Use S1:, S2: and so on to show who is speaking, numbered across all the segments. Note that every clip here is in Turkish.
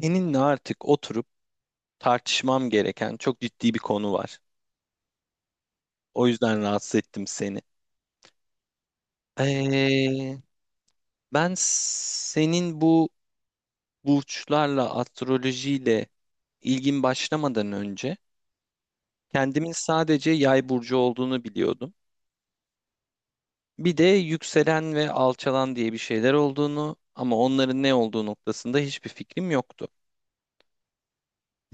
S1: Seninle artık oturup tartışmam gereken çok ciddi bir konu var. O yüzden rahatsız ettim seni. Ee, Ben senin bu burçlarla, astrolojiyle ilgin başlamadan önce kendimin sadece yay burcu olduğunu biliyordum. Bir de yükselen ve alçalan diye bir şeyler olduğunu ama onların ne olduğu noktasında hiçbir fikrim yoktu.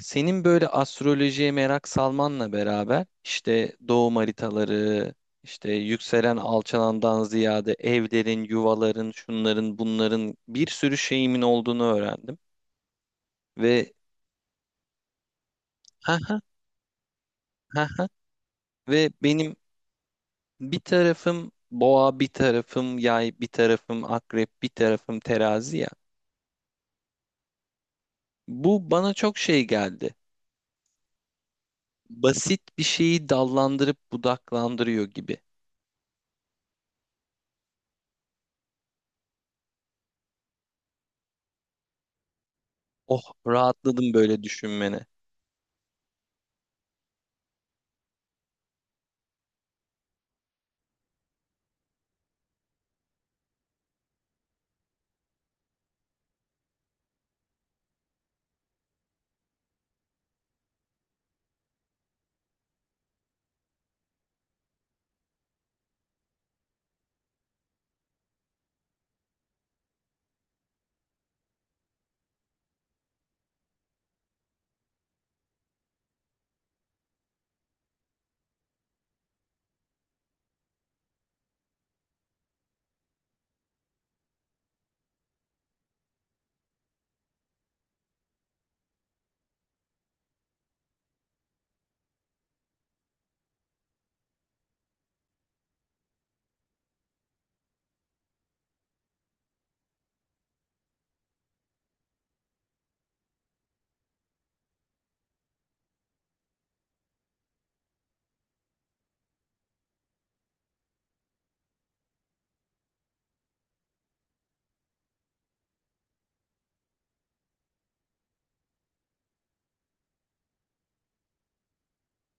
S1: Senin böyle astrolojiye merak salmanla beraber işte doğum haritaları, işte yükselen alçalandan ziyade evlerin, yuvaların, şunların, bunların bir sürü şeyimin olduğunu öğrendim. Ve ha ha ha ha. Ve benim bir tarafım boğa, bir tarafım yay, bir tarafım akrep, bir tarafım terazi ya. Bu bana çok şey geldi. Basit bir şeyi dallandırıp budaklandırıyor gibi. Oh, rahatladım böyle düşünmene.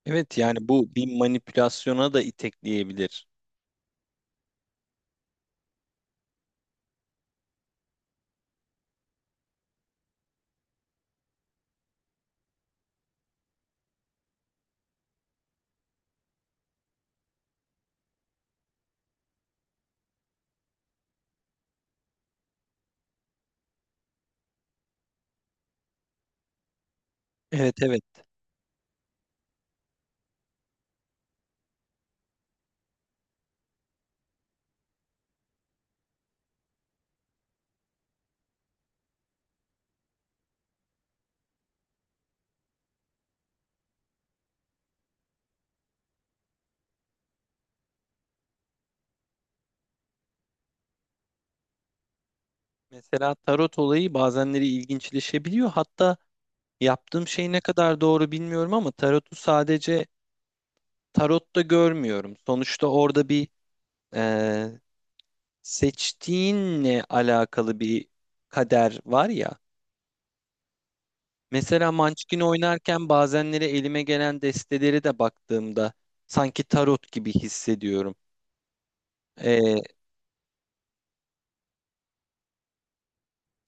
S1: Evet yani bu bir manipülasyona da itekleyebilir. Evet, evet. Mesela tarot olayı bazenleri ilginçleşebiliyor. Hatta yaptığım şey ne kadar doğru bilmiyorum ama tarotu sadece tarotta görmüyorum. Sonuçta orada bir e, seçtiğinle alakalı bir kader var ya. Mesela Munchkin oynarken bazenleri elime gelen desteleri de baktığımda sanki tarot gibi hissediyorum. E,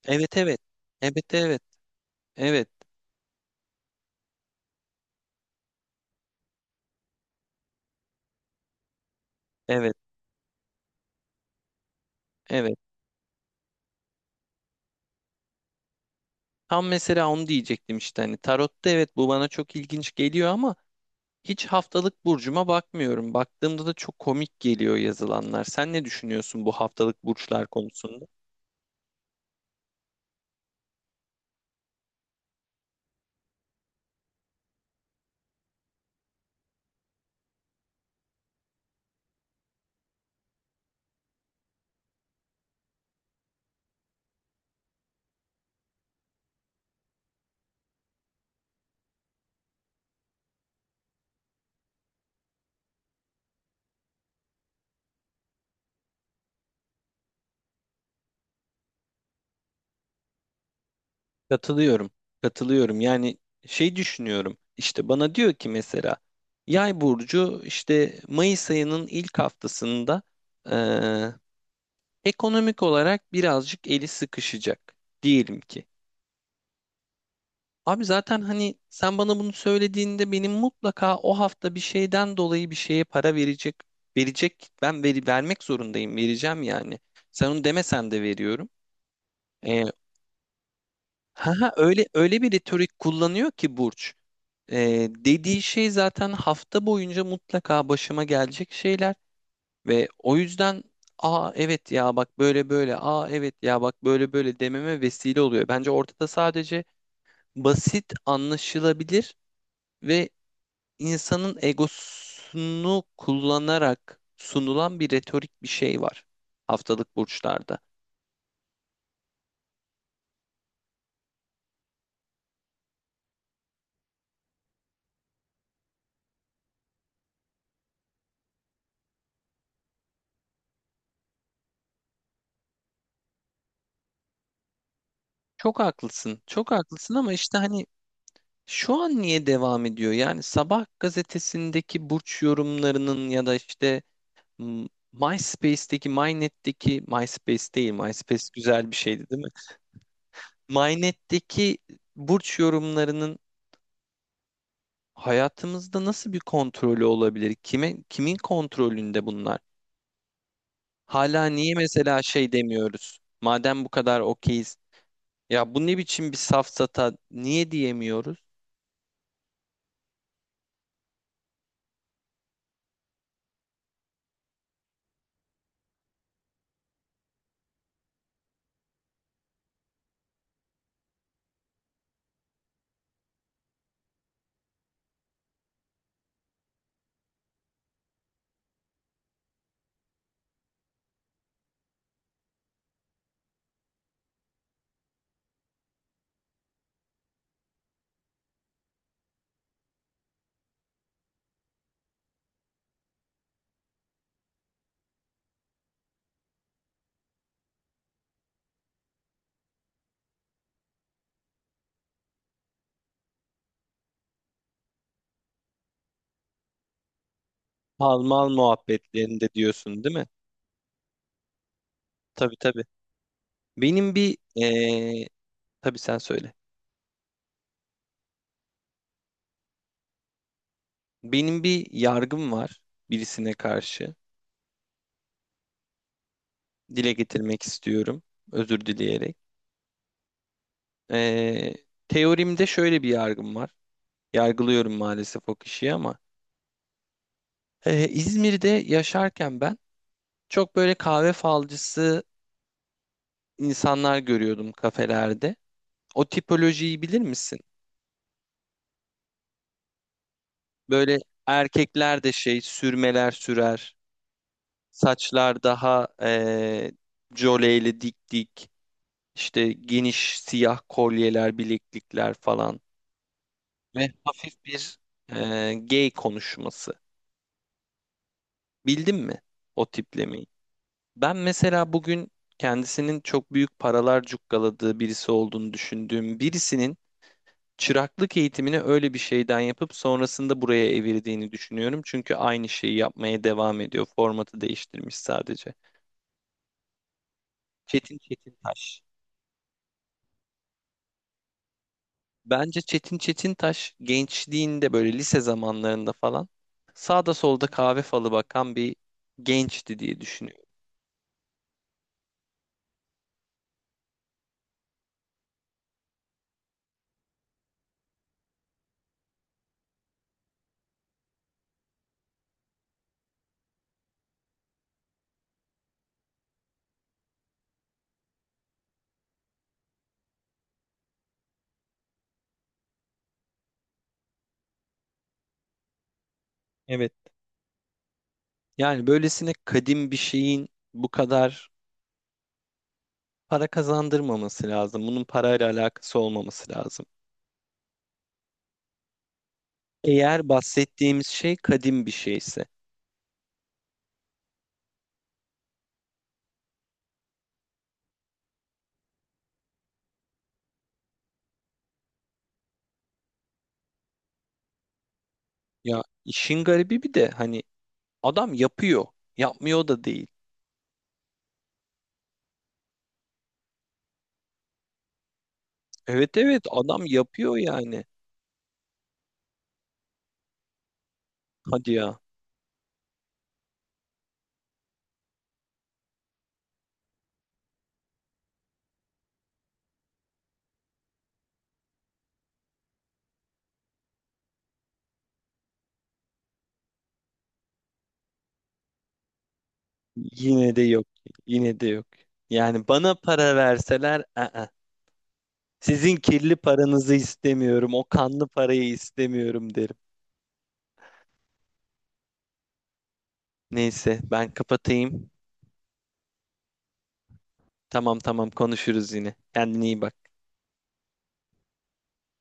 S1: evet, evet. Evet, evet. Evet, evet. Evet. Tam mesela onu diyecektim işte hani tarotta evet bu bana çok ilginç geliyor ama hiç haftalık burcuma bakmıyorum. Baktığımda da çok komik geliyor yazılanlar. Sen ne düşünüyorsun bu haftalık burçlar konusunda? Katılıyorum. Katılıyorum. Yani şey düşünüyorum. İşte bana diyor ki mesela yay burcu işte Mayıs ayının ilk haftasında eee, ekonomik olarak birazcık eli sıkışacak diyelim ki. Abi zaten hani sen bana bunu söylediğinde benim mutlaka o hafta bir şeyden dolayı bir şeye para verecek ben veri vermek zorundayım vereceğim yani. Sen onu demesen de veriyorum. Ee, ha ha, öyle öyle bir retorik kullanıyor ki Burç. Dediği şey zaten hafta boyunca mutlaka başıma gelecek şeyler ve o yüzden aa evet ya bak böyle böyle aa evet ya bak böyle böyle dememe vesile oluyor. Bence ortada sadece basit anlaşılabilir ve insanın egosunu kullanarak sunulan bir retorik bir şey var haftalık burçlarda. Çok haklısın, çok haklısın ama işte hani şu an niye devam ediyor? Yani sabah gazetesindeki burç yorumlarının ya da işte MySpace'teki, MyNet'teki, MySpace değil, MySpace güzel bir şeydi değil mi? Mynet'teki burç yorumlarının hayatımızda nasıl bir kontrolü olabilir? Kime, kimin kontrolünde bunlar? Hala niye mesela şey demiyoruz? Madem bu kadar okeyiz, ya bu ne biçim bir safsata niye diyemiyoruz? Palmal muhabbetlerinde diyorsun, değil mi? Tabii, tabii. Benim bir tabii sen söyle. Benim bir yargım var birisine karşı. Dile getirmek istiyorum, özür dileyerek. Eee Teorimde şöyle bir yargım var. Yargılıyorum maalesef o kişiyi ama. İzmir'de yaşarken ben çok böyle kahve falcısı insanlar görüyordum kafelerde. O tipolojiyi bilir misin? Böyle erkekler de şey sürmeler sürer. Saçlar daha joleyli dik dik. İşte geniş siyah kolyeler, bileklikler falan. Ve hafif bir gay konuşması. Bildin mi o tiplemeyi? Ben mesela bugün kendisinin çok büyük paralar cukkaladığı birisi olduğunu düşündüğüm birisinin çıraklık eğitimini öyle bir şeyden yapıp sonrasında buraya evirdiğini düşünüyorum. Çünkü aynı şeyi yapmaya devam ediyor. Formatı değiştirmiş sadece. Çetin Çetintaş. Bence Çetin Çetintaş gençliğinde böyle lise zamanlarında falan sağda solda kahve falı bakan bir gençti diye düşünüyorum. Evet. Yani böylesine kadim bir şeyin bu kadar para kazandırmaması lazım. Bunun parayla alakası olmaması lazım. Eğer bahsettiğimiz şey kadim bir şeyse. Ya işin garibi bir de hani adam yapıyor. Yapmıyor da değil. Evet, evet adam yapıyor yani. Hadi ya. Yine de yok. Yine de yok. Yani bana para verseler sizin kirli paranızı istemiyorum. O kanlı parayı istemiyorum derim. Neyse ben kapatayım. Tamam, tamam konuşuruz yine. Kendine iyi bak.